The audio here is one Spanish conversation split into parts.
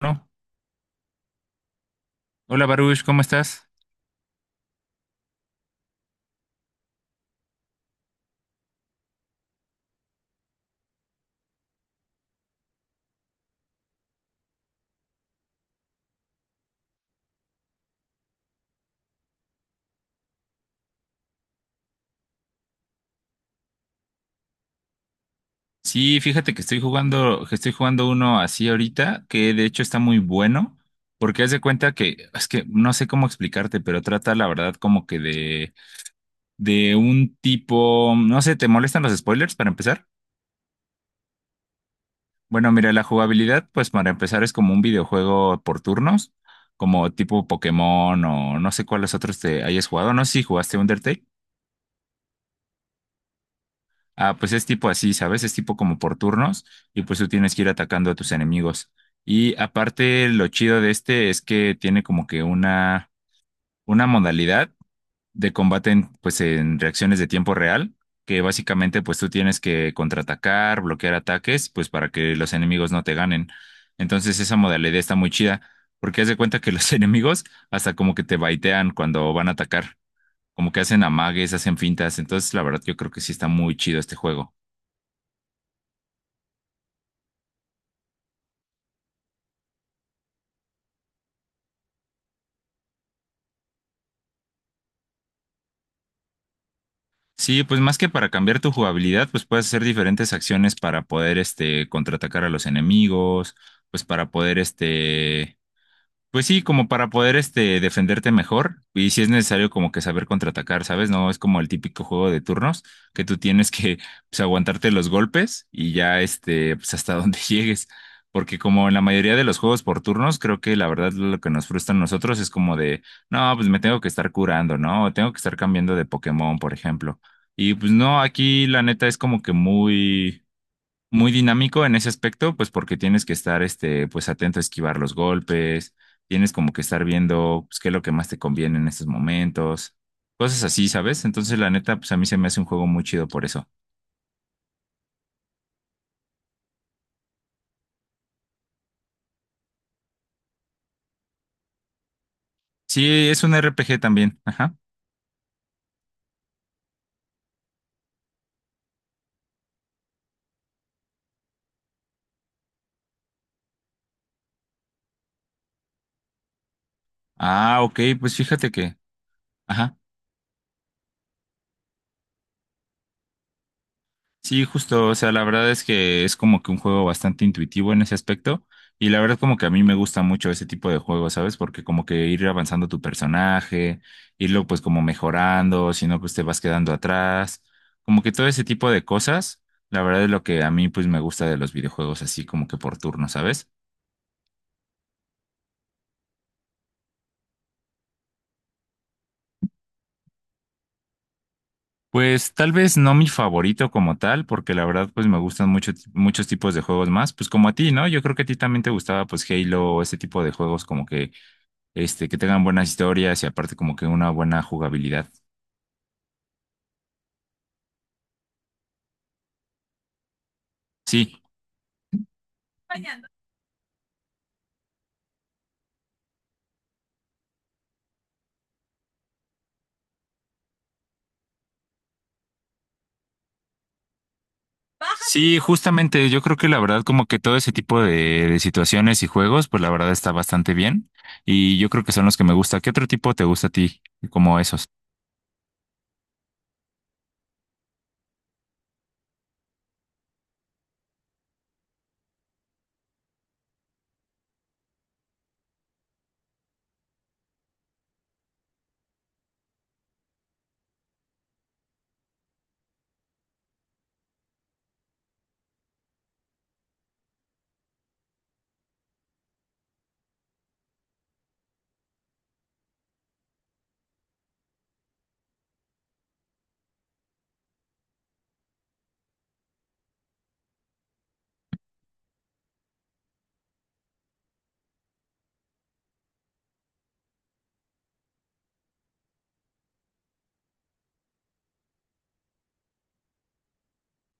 Bueno, hola Baruch, ¿cómo estás? Sí, fíjate que estoy jugando, uno así ahorita, que de hecho está muy bueno, porque haz de cuenta que, es que no sé cómo explicarte, pero trata la verdad como que de un tipo, no sé, ¿te molestan los spoilers para empezar? Bueno, mira, la jugabilidad, pues para empezar es como un videojuego por turnos, como tipo Pokémon o no sé cuáles otros te hayas jugado, no sé si jugaste Undertale. Ah, pues es tipo así, ¿sabes? Es tipo como por turnos y pues tú tienes que ir atacando a tus enemigos. Y aparte, lo chido de este es que tiene como que una modalidad de combate en, pues en reacciones de tiempo real, que básicamente pues tú tienes que contraatacar, bloquear ataques, pues para que los enemigos no te ganen. Entonces esa modalidad está muy chida, porque haz de cuenta que los enemigos hasta como que te baitean cuando van a atacar, como que hacen amagues, hacen fintas. Entonces la verdad yo creo que sí está muy chido este juego. Sí, pues más que para cambiar tu jugabilidad, pues puedes hacer diferentes acciones para poder, contraatacar a los enemigos, pues para poder, pues sí, como para poder defenderte mejor y si es necesario como que saber contraatacar, ¿sabes? No es como el típico juego de turnos que tú tienes que pues, aguantarte los golpes y ya pues hasta donde llegues. Porque como en la mayoría de los juegos por turnos, creo que la verdad lo que nos frustra a nosotros es como de, no, pues me tengo que estar curando, ¿no? O tengo que estar cambiando de Pokémon, por ejemplo. Y pues no, aquí la neta es como que muy muy dinámico en ese aspecto, pues porque tienes que estar pues atento a esquivar los golpes, tienes como que estar viendo pues, qué es lo que más te conviene en estos momentos, cosas así, ¿sabes? Entonces, la neta, pues a mí se me hace un juego muy chido por eso. Sí, es un RPG también, ajá. Ah, ok, pues fíjate que, ajá. Sí, justo, o sea, la verdad es que es como que un juego bastante intuitivo en ese aspecto y la verdad como que a mí me gusta mucho ese tipo de juegos, ¿sabes? Porque como que ir avanzando tu personaje, irlo pues como mejorando, si no pues te vas quedando atrás, como que todo ese tipo de cosas, la verdad es lo que a mí pues me gusta de los videojuegos así como que por turno, ¿sabes? Pues tal vez no mi favorito como tal, porque la verdad pues me gustan mucho, muchos tipos de juegos más, pues como a ti, ¿no? Yo creo que a ti también te gustaba pues Halo o ese tipo de juegos como que que tengan buenas historias y aparte como que una buena jugabilidad. Sí. Sí, justamente, yo creo que la verdad como que todo ese tipo de situaciones y juegos, pues la verdad está bastante bien y yo creo que son los que me gusta. ¿Qué otro tipo te gusta a ti como esos?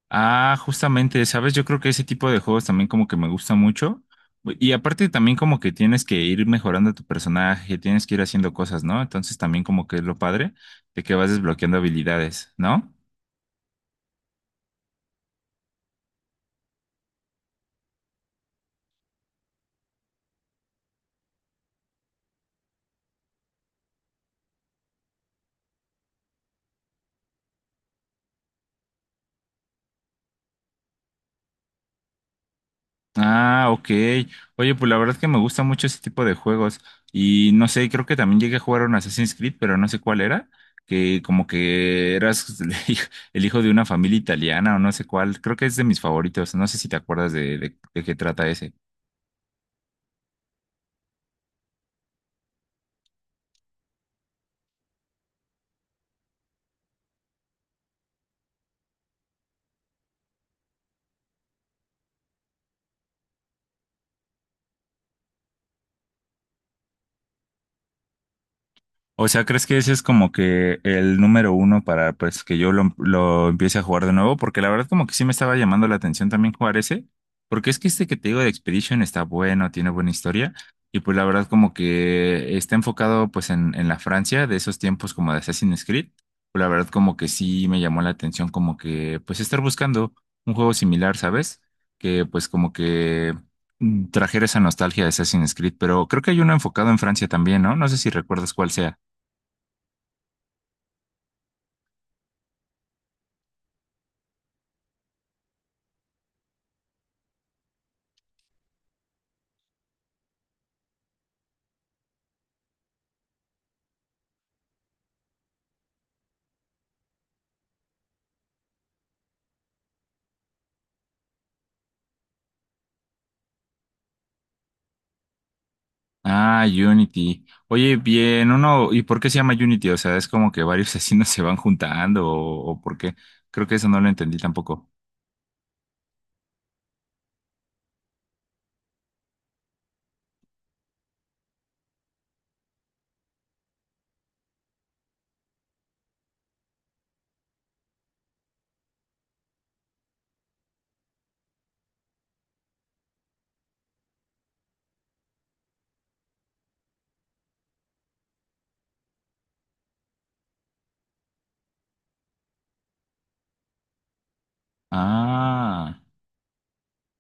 Ah, justamente, sabes, yo creo que ese tipo de juegos también como que me gusta mucho y aparte también como que tienes que ir mejorando tu personaje, tienes que ir haciendo cosas, ¿no? Entonces también como que es lo padre de que vas desbloqueando habilidades, ¿no? Ah, ok. Oye, pues la verdad es que me gusta mucho ese tipo de juegos. Y no sé, creo que también llegué a jugar un Assassin's Creed, pero no sé cuál era. Que como que eras el hijo de una familia italiana o no sé cuál. Creo que es de mis favoritos. No sé si te acuerdas de qué trata ese. O sea, ¿crees que ese es como que el número uno para pues que yo lo empiece a jugar de nuevo? Porque la verdad como que sí me estaba llamando la atención también jugar ese, porque es que este que te digo de Expedition está bueno, tiene buena historia, y pues la verdad como que está enfocado pues en la Francia de esos tiempos como de Assassin's Creed, pues la verdad como que sí me llamó la atención como que pues estar buscando un juego similar, ¿sabes? Que pues como que trajera esa nostalgia de Assassin's Creed, pero creo que hay uno enfocado en Francia también, ¿no? No sé si recuerdas cuál sea. Ah, Unity. Oye, bien, uno, ¿y por qué se llama Unity? O sea, es como que varios asesinos se van juntando o por qué. Creo que eso no lo entendí tampoco. Ah.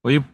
Oye,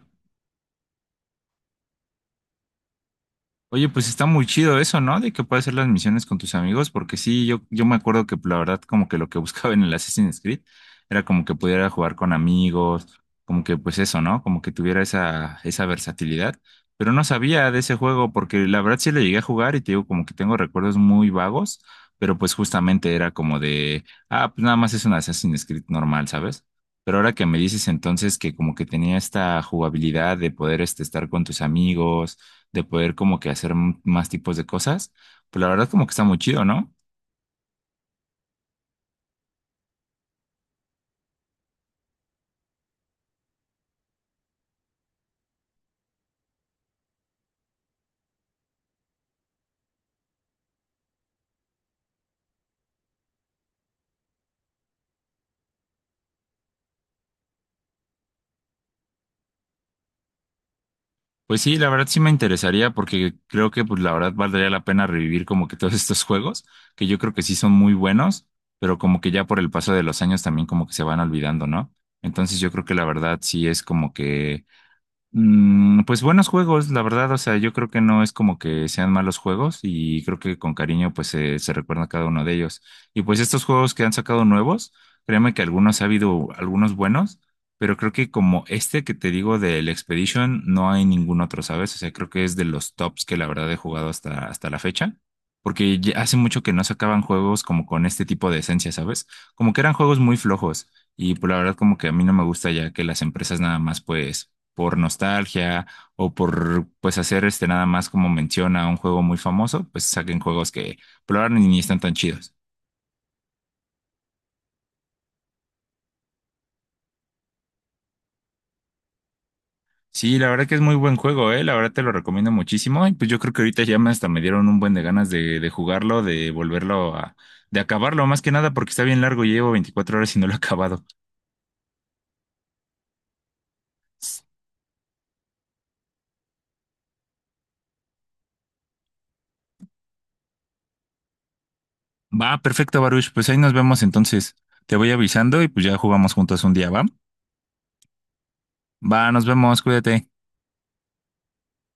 Oye, pues está muy chido eso, ¿no? De que puedes hacer las misiones con tus amigos, porque sí, yo me acuerdo que la verdad como que lo que buscaba en el Assassin's Creed era como que pudiera jugar con amigos, como que pues eso, ¿no? Como que tuviera esa, esa versatilidad, pero no sabía de ese juego porque la verdad sí le llegué a jugar y te digo como que tengo recuerdos muy vagos, pero pues justamente era como de, ah, pues nada más es un Assassin's Creed normal, ¿sabes? Pero ahora que me dices entonces que como que tenía esta jugabilidad de poder estar con tus amigos de poder como que hacer más tipos de cosas, pues la verdad como que está muy chido, ¿no? Pues sí, la verdad sí me interesaría porque creo que pues la verdad valdría la pena revivir como que todos estos juegos, que yo creo que sí son muy buenos, pero como que ya por el paso de los años también como que se van olvidando, ¿no? Entonces yo creo que la verdad sí es como que pues buenos juegos, la verdad, o sea, yo creo que no es como que sean malos juegos y creo que con cariño pues se recuerda cada uno de ellos. Y pues estos juegos que han sacado nuevos, créeme que algunos ha habido algunos buenos, pero creo que como este que te digo del Expedition no hay ningún otro, ¿sabes? O sea, creo que es de los tops que la verdad he jugado hasta, hasta la fecha, porque ya hace mucho que no sacaban juegos como con este tipo de esencia, ¿sabes? Como que eran juegos muy flojos y pues la verdad como que a mí no me gusta ya que las empresas nada más pues por nostalgia o por pues hacer nada más como menciona un juego muy famoso, pues saquen juegos que probaron y ni están tan chidos. Sí, la verdad que es muy buen juego, la verdad te lo recomiendo muchísimo y pues yo creo que ahorita ya me hasta me dieron un buen de ganas de jugarlo, de volverlo a, de acabarlo, más que nada porque está bien largo, llevo 24 horas y no lo he acabado. Va, perfecto, Baruch, pues ahí nos vemos entonces. Te voy avisando y pues ya jugamos juntos un día, ¿va? Va, nos vemos, cuídate.